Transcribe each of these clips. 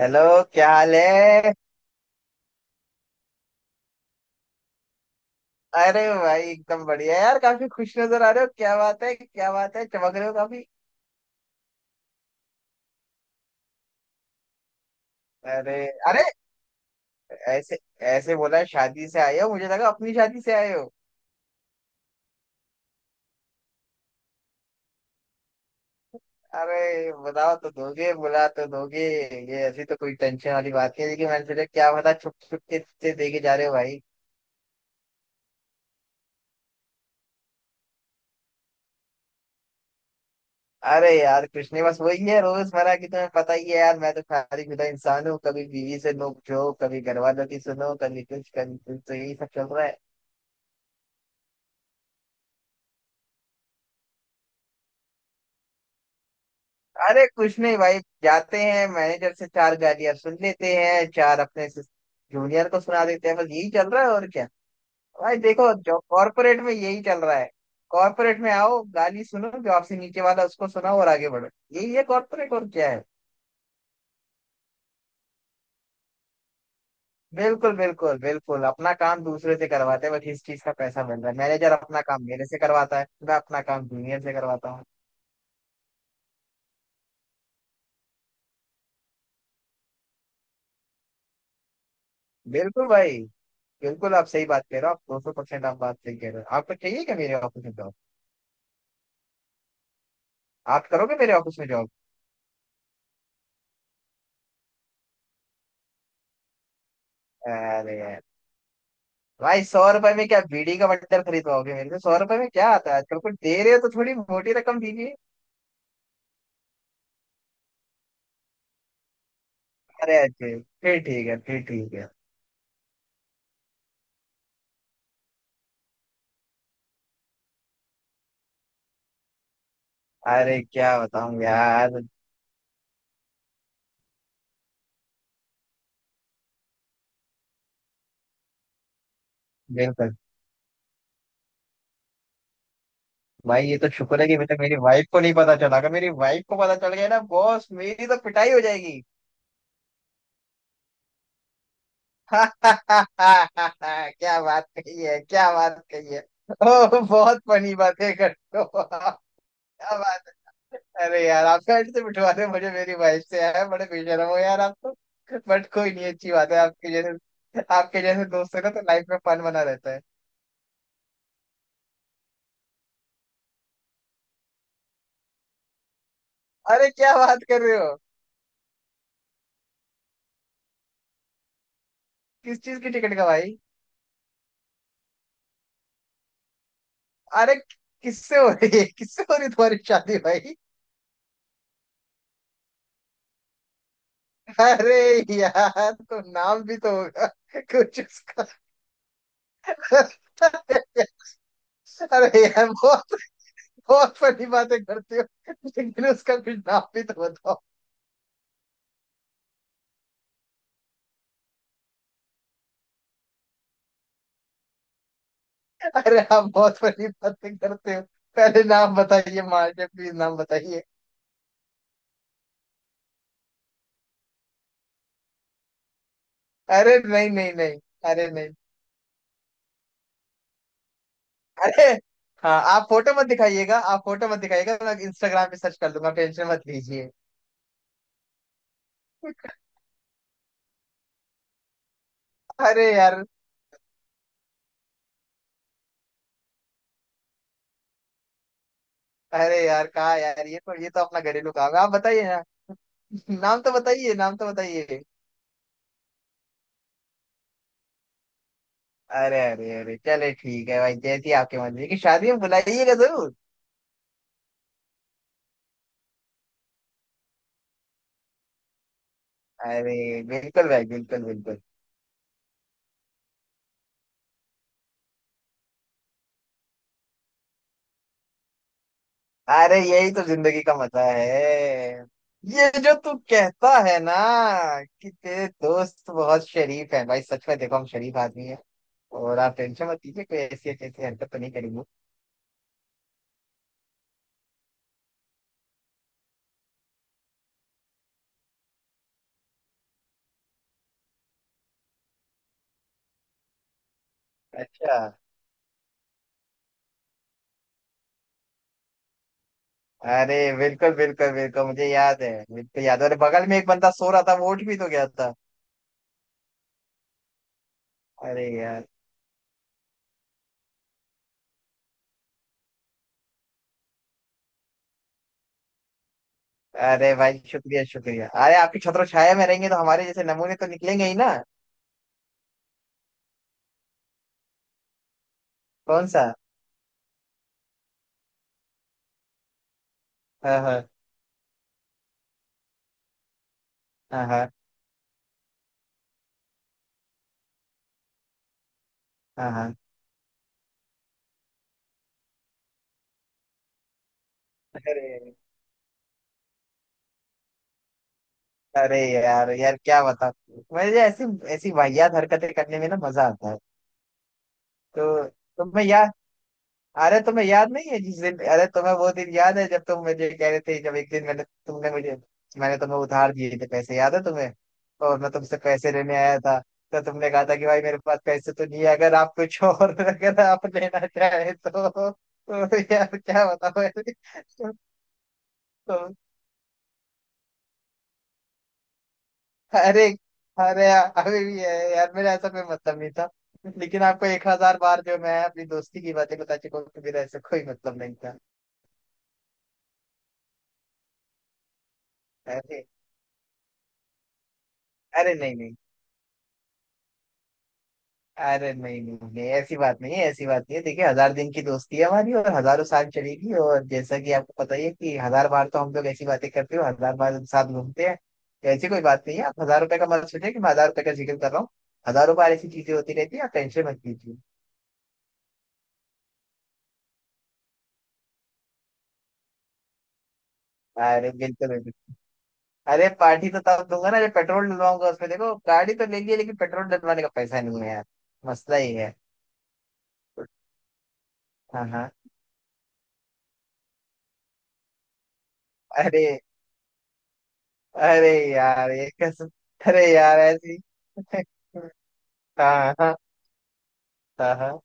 Hello. क्या हाल है? अरे भाई एकदम बढ़िया यार। काफी खुश नजर आ रहे हो, क्या बात है क्या बात है, चमक रहे हो काफी। अरे अरे ऐसे ऐसे बोला शादी से आए हो, मुझे लगा अपनी शादी से आए हो। अरे बताओ तो दोगे, बुला तो दोगे। ये ऐसी तो कोई टेंशन वाली बात नहीं है, लेकिन मैंने सोचा क्या पता छुप छुप के से देके जा रहे हो भाई। अरे यार कुछ नहीं, बस वही है रोजमर्रा की, तुम्हें पता ही है यार, मैं तो शादी शुदा इंसान हूँ, कभी बीवी से नोक झोंक, कभी घर वालों की सुनो, कभी कुछ कभी कुछ, तो यही सब चल रहा है। अरे कुछ नहीं भाई, जाते हैं, मैनेजर से चार गालियां सुन लेते हैं, चार अपने जूनियर को सुना देते हैं, बस यही चल रहा है और क्या। भाई देखो जो कॉर्पोरेट में यही चल रहा है। कॉर्पोरेट में आओ, गाली सुनो, जो आपसे नीचे वाला उसको सुनाओ और आगे बढ़ो। यही है कॉर्पोरेट, और क्या है। बिल्कुल बिल्कुल बिल्कुल, अपना काम दूसरे से करवाते हैं, बस इस चीज का पैसा मिल रहा है। मैनेजर अपना काम मेरे से करवाता है, मैं अपना काम जूनियर से करवाता हूँ। बिल्कुल भाई। बिल्कुल आप सही बात कह रहे हो, आप 200% आप बात सही कह रहे हो। आपको चाहिए क्या मेरे ऑफिस में job? आप करोगे मेरे ऑफिस में जॉब? अरे यार, भाई 100 रुपए में क्या बीड़ी का बंडल खरीदवाओगे मेरे से? 100 रुपए में क्या आता है आजकल? कुछ दे रहे हो तो थोड़ी मोटी रकम दीजिए। अरे अच्छे, फिर ठीक है, फिर ठीक है। अरे क्या बताऊं यार। बिल्कुल। भाई ये तो शुक्र है कि मतलब मेरी वाइफ को नहीं पता चला, अगर मेरी वाइफ को पता चल गया ना बॉस, मेरी तो पिटाई हो जाएगी। क्या बात कही है, क्या बात कही है। ओह बहुत फनी बातें करते हो। क्या बात। अरे यार आप बैंड से बिठवा रहे हो मुझे मेरी वाइफ से, यार बड़े बेशरम हो यार आप तो। बट कोई नहीं, अच्छी बात है, आपके जैसे दोस्त है ना तो लाइफ में फन बना रहता है। अरे क्या बात कर रहे हो? किस चीज की टिकट का भाई? अरे किससे हो रही है, किससे हो रही है तुम्हारी शादी भाई? अरे यार तो नाम भी तो होगा कुछ उसका। अरे यार बहुत बहुत फनी बातें करते हो, लेकिन उसका कुछ नाम भी तो बताओ। अरे आप बहुत बड़ी बातें करते हो। पहले नाम बताइए, माँ के प्लीज नाम बताइए। अरे नहीं नहीं नहीं। अरे नहीं। अरे हाँ, आप फोटो मत दिखाइएगा, आप फोटो मत दिखाइएगा, मैं इंस्टाग्राम पे सर्च कर लूंगा, टेंशन मत लीजिए। अरे यार। अरे यार कहा यार, ये तो अपना घरेलू काम है, आप बताइए ना। नाम तो बताइए, नाम तो बताइए। अरे अरे अरे चले ठीक है भाई, जैसी आपकी मर्जी की, शादी में बुलाइएगा जरूर। अरे बिल्कुल भाई बिल्कुल बिल्कुल। अरे यही तो जिंदगी का मजा है। ये जो तू कहता है ना कि तेरे दोस्त बहुत शरीफ है भाई, सच में देखो हम शरीफ आदमी है। और आप टेंशन मत लीजिए, कोई ऐसी ऐसी हरकत तो नहीं करेंगे। अच्छा। अरे बिल्कुल बिल्कुल बिल्कुल मुझे याद है, बिल्कुल याद है। अरे बगल में एक बंदा सो रहा था, वो उठ भी तो गया था। अरे यार। अरे भाई शुक्रिया शुक्रिया, अरे आपकी छत्र छाया में रहेंगे तो हमारे जैसे नमूने तो निकलेंगे ही ना। कौन सा? हाँ हाँ। हाँ हाँ। हाँ हाँ। अरे अरे यार यार क्या बता, मुझे ऐसी ऐसी वाहियात हरकतें करने में ना मजा आता है। तो तुम्हें याद, अरे तुम्हें याद नहीं है जिस दिन, अरे तुम्हें वो दिन याद है, जब तुम मुझे कह रहे थे, जब एक दिन मैंने तुमने मुझे, मैंने तुम्हें उधार दिए थे पैसे, याद है तुम्हें? और मैं तुमसे पैसे लेने आया था, तो तुमने कहा था कि भाई मेरे पास पैसे तो नहीं है, अगर आप कुछ और अगर आप लेना चाहे तो, यार क्या बताओ। तो, अरे अरे यार अभी भी है यार, मेरा ऐसा कोई मतलब नहीं था। लेकिन आपको 1000 बार जो मैं अपनी दोस्ती की बातें बता चुका हूँ कि मेरा ऐसा कोई मतलब नहीं था। अरे। अरे नहीं नहीं। अरे नहीं नहीं नहीं, ऐसी बात नहीं है, ऐसी बात नहीं है। देखिए 1000 दिन की दोस्ती है हमारी, और हजारों साल चलेगी, और जैसा कि आपको पता ही है कि 1000 बार तो हम लोग ऐसी बातें करते हो, 1000 बार साथ घूमते हैं, तो ऐसी कोई बात नहीं है। आप 1000 रुपए का मत सोचिए कि मैं 1000 रुपए का जिक्र कर रहा हूँ। हजारों बार ऐसी चीजें होती रहती है, आप टेंशन मत लीजिए। अरे बिल्कुल बिल्कुल। अरे पार्टी तो तब दूंगा ना जब पेट्रोल डलवाऊंगा उसमें। देखो गाड़ी तो ले लिया लेकिन पेट्रोल डलवाने का पैसा नहीं है यार। मसला ही है। हाँ हाँ। अरे। अरे यार ये कसम। अरे यार ऐसी हाँ हाँ। हाँ हाँ।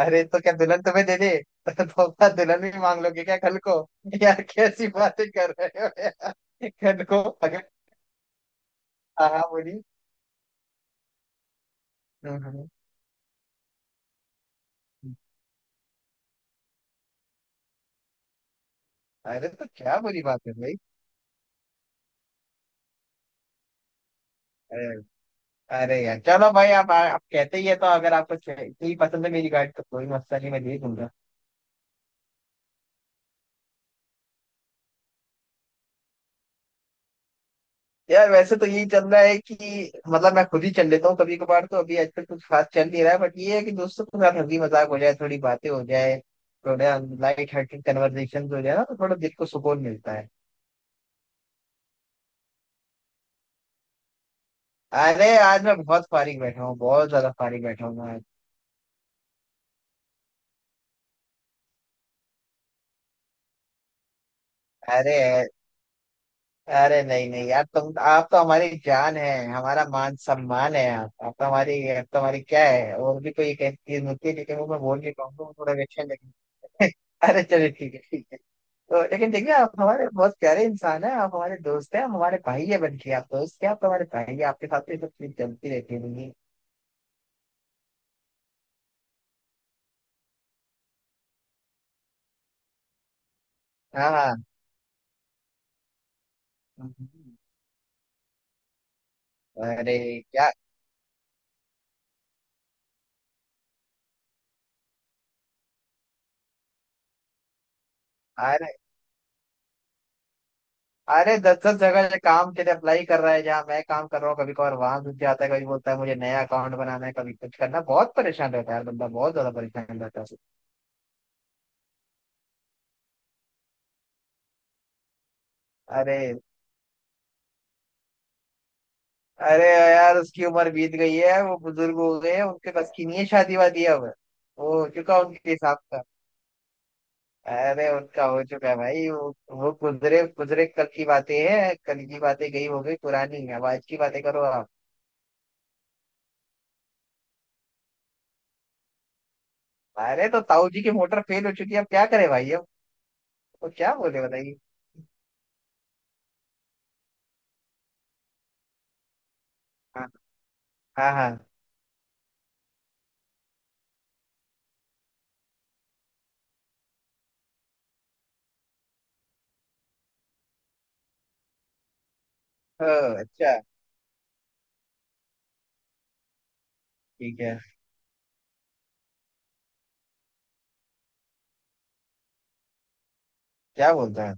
अरे तो क्या दुल्हन तुम्हें दे दे? तो तोहफा दुल्हन भी मांग लोगे क्या कल को? यार कैसी बातें कर रहे हो यार, कल को अगर। हाँ हाँ, बोलिए। हम्म, हम्म, हम्म। अरे तो क्या बुरी बात है भाई। अरे यार चलो भाई, आप कहते ही है तो, अगर आपको च- इतनी पसंद है मेरी गाड़ी तो कोई मसला नहीं, मैं ले लूंगा। यार वैसे तो यही चल रहा है कि मतलब मैं खुद ही चल लेता हूँ कभी कभार, तो अभी आजकल कुछ खास चल नहीं रहा है, बट ये है कि दोस्तों के साथ हंसी मजाक हो जाए, थोड़ी बातें हो जाए, थोड़ा लाइट हार्टेड कन्वर्सेशन हो जाए ना, तो थोड़ा दिल को सुकून मिलता है। अरे आज मैं बहुत फारिग बैठा हूँ, बहुत ज्यादा फारिग बैठा हूँ मैं आज। अरे। अरे नहीं नहीं यार, तुम आप तो हमारी जान है, हमारा मान सम्मान है आप, आप तो हमारी क्या है, और भी कोई एक ऐसी चीज होती है लेकिन वो मैं बोल नहीं पाऊंगा, वो थोड़ा विक्षण लगेगा। अरे चलिए ठीक है ठीक है। तो लेकिन देखिए आप हमारे बहुत प्यारे इंसान हैं, आप हमारे दोस्त हैं, आप हमारे भाई है बन के, आप दोस्त हैं, आप तो हमारे भाई हैं, आपके साथ तो ये सब चीज चलती रहती है। हाँ हाँ। अरे क्या? अरे 10-10 जगह से काम के लिए अप्लाई कर रहा है, जहाँ मैं काम कर रहा हूँ कभी कभार वहां घुस जाता है, कभी बोलता है मुझे नया अकाउंट बनाना है, कभी कुछ करना है। बहुत परेशान रहता है यार बंदा, बहुत ज्यादा परेशान रहता है। अरे। अरे यार उसकी उम्र बीत गई है, वो बुजुर्ग हो गए हैं, उनके बस की नहीं है शादी वादी अब। वो हो चुका उनके हिसाब का। अरे उनका हो चुका है भाई वो गुजरे गुजरे कल की बातें हैं, कल की बातें गई, हो गई पुरानी, अब आज की बातें करो आप। अरे तो ताऊ जी की मोटर फेल हो चुकी है, अब क्या करे भाई अब? वो क्या बोले बताइए। हाँ। हाँ। हाँ हाँ, अच्छा। ठीक है। क्या बोलता है?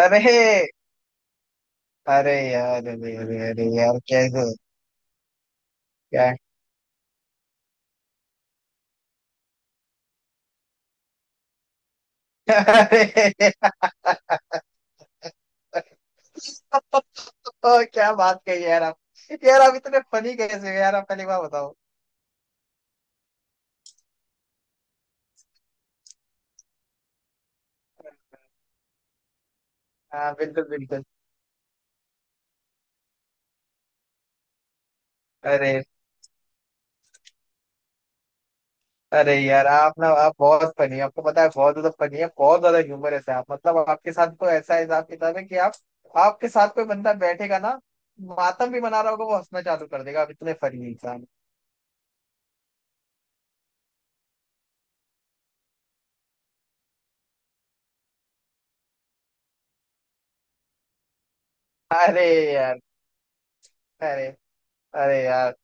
अरे। अरे यार अरे अरे अरे यार कैसे। क्या? अरे। ओ, क्या बात कही यार आप। यार आप इतने फनी कैसे हो यार आप? पहली बार बताओ। हाँ बिल्कुल बिल्कुल। अरे। अरे यार आप ना, आप बहुत फनी है आपको पता है, बहुत ज्यादा फनी है, बहुत ज्यादा ह्यूमरस है आप, मतलब आपके साथ को ऐसा हिसाब किताब है कि आप, आपके साथ कोई बंदा बैठेगा ना, मातम भी मना रहा होगा वो हंसना चालू कर देगा, आप इतने फनी इंसान हैं। अरे यार। अरे अरे यार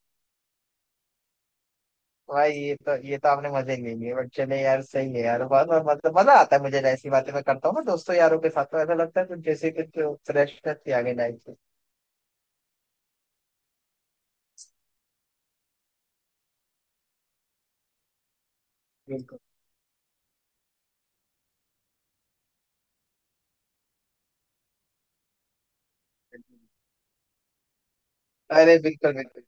भाई ये तो आपने मजे ले लिए, बट चले यार सही है यार, बहुत बहुत- मतलब मजा आता है मुझे, ऐसी बातें मैं करता हूँ ना दोस्तों यारों के साथ, तो ऐसा लगता है कुछ जैसे कुछ फ्रेशनेस ही आ गई लाइफ से। बिल्कुल। बिल्कुल। अरे बिल्कुल बिल्कुल।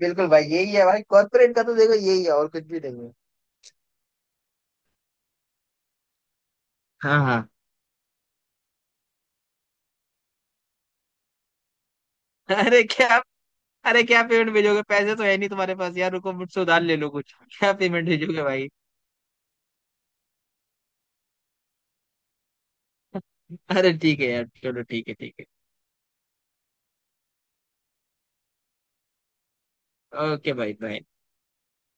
बिल्कुल भाई यही है भाई कॉर्पोरेट का, तो देखो यही है और कुछ भी नहीं है। हाँ हाँ। अरे क्या? अरे क्या पेमेंट भेजोगे, पैसे तो है नहीं तुम्हारे पास यार, रुको मुझसे उधार ले लो कुछ। क्या पेमेंट भेजोगे भाई? अरे ठीक है यार, चलो ठीक है, ठीक है ओके भाई, बाय।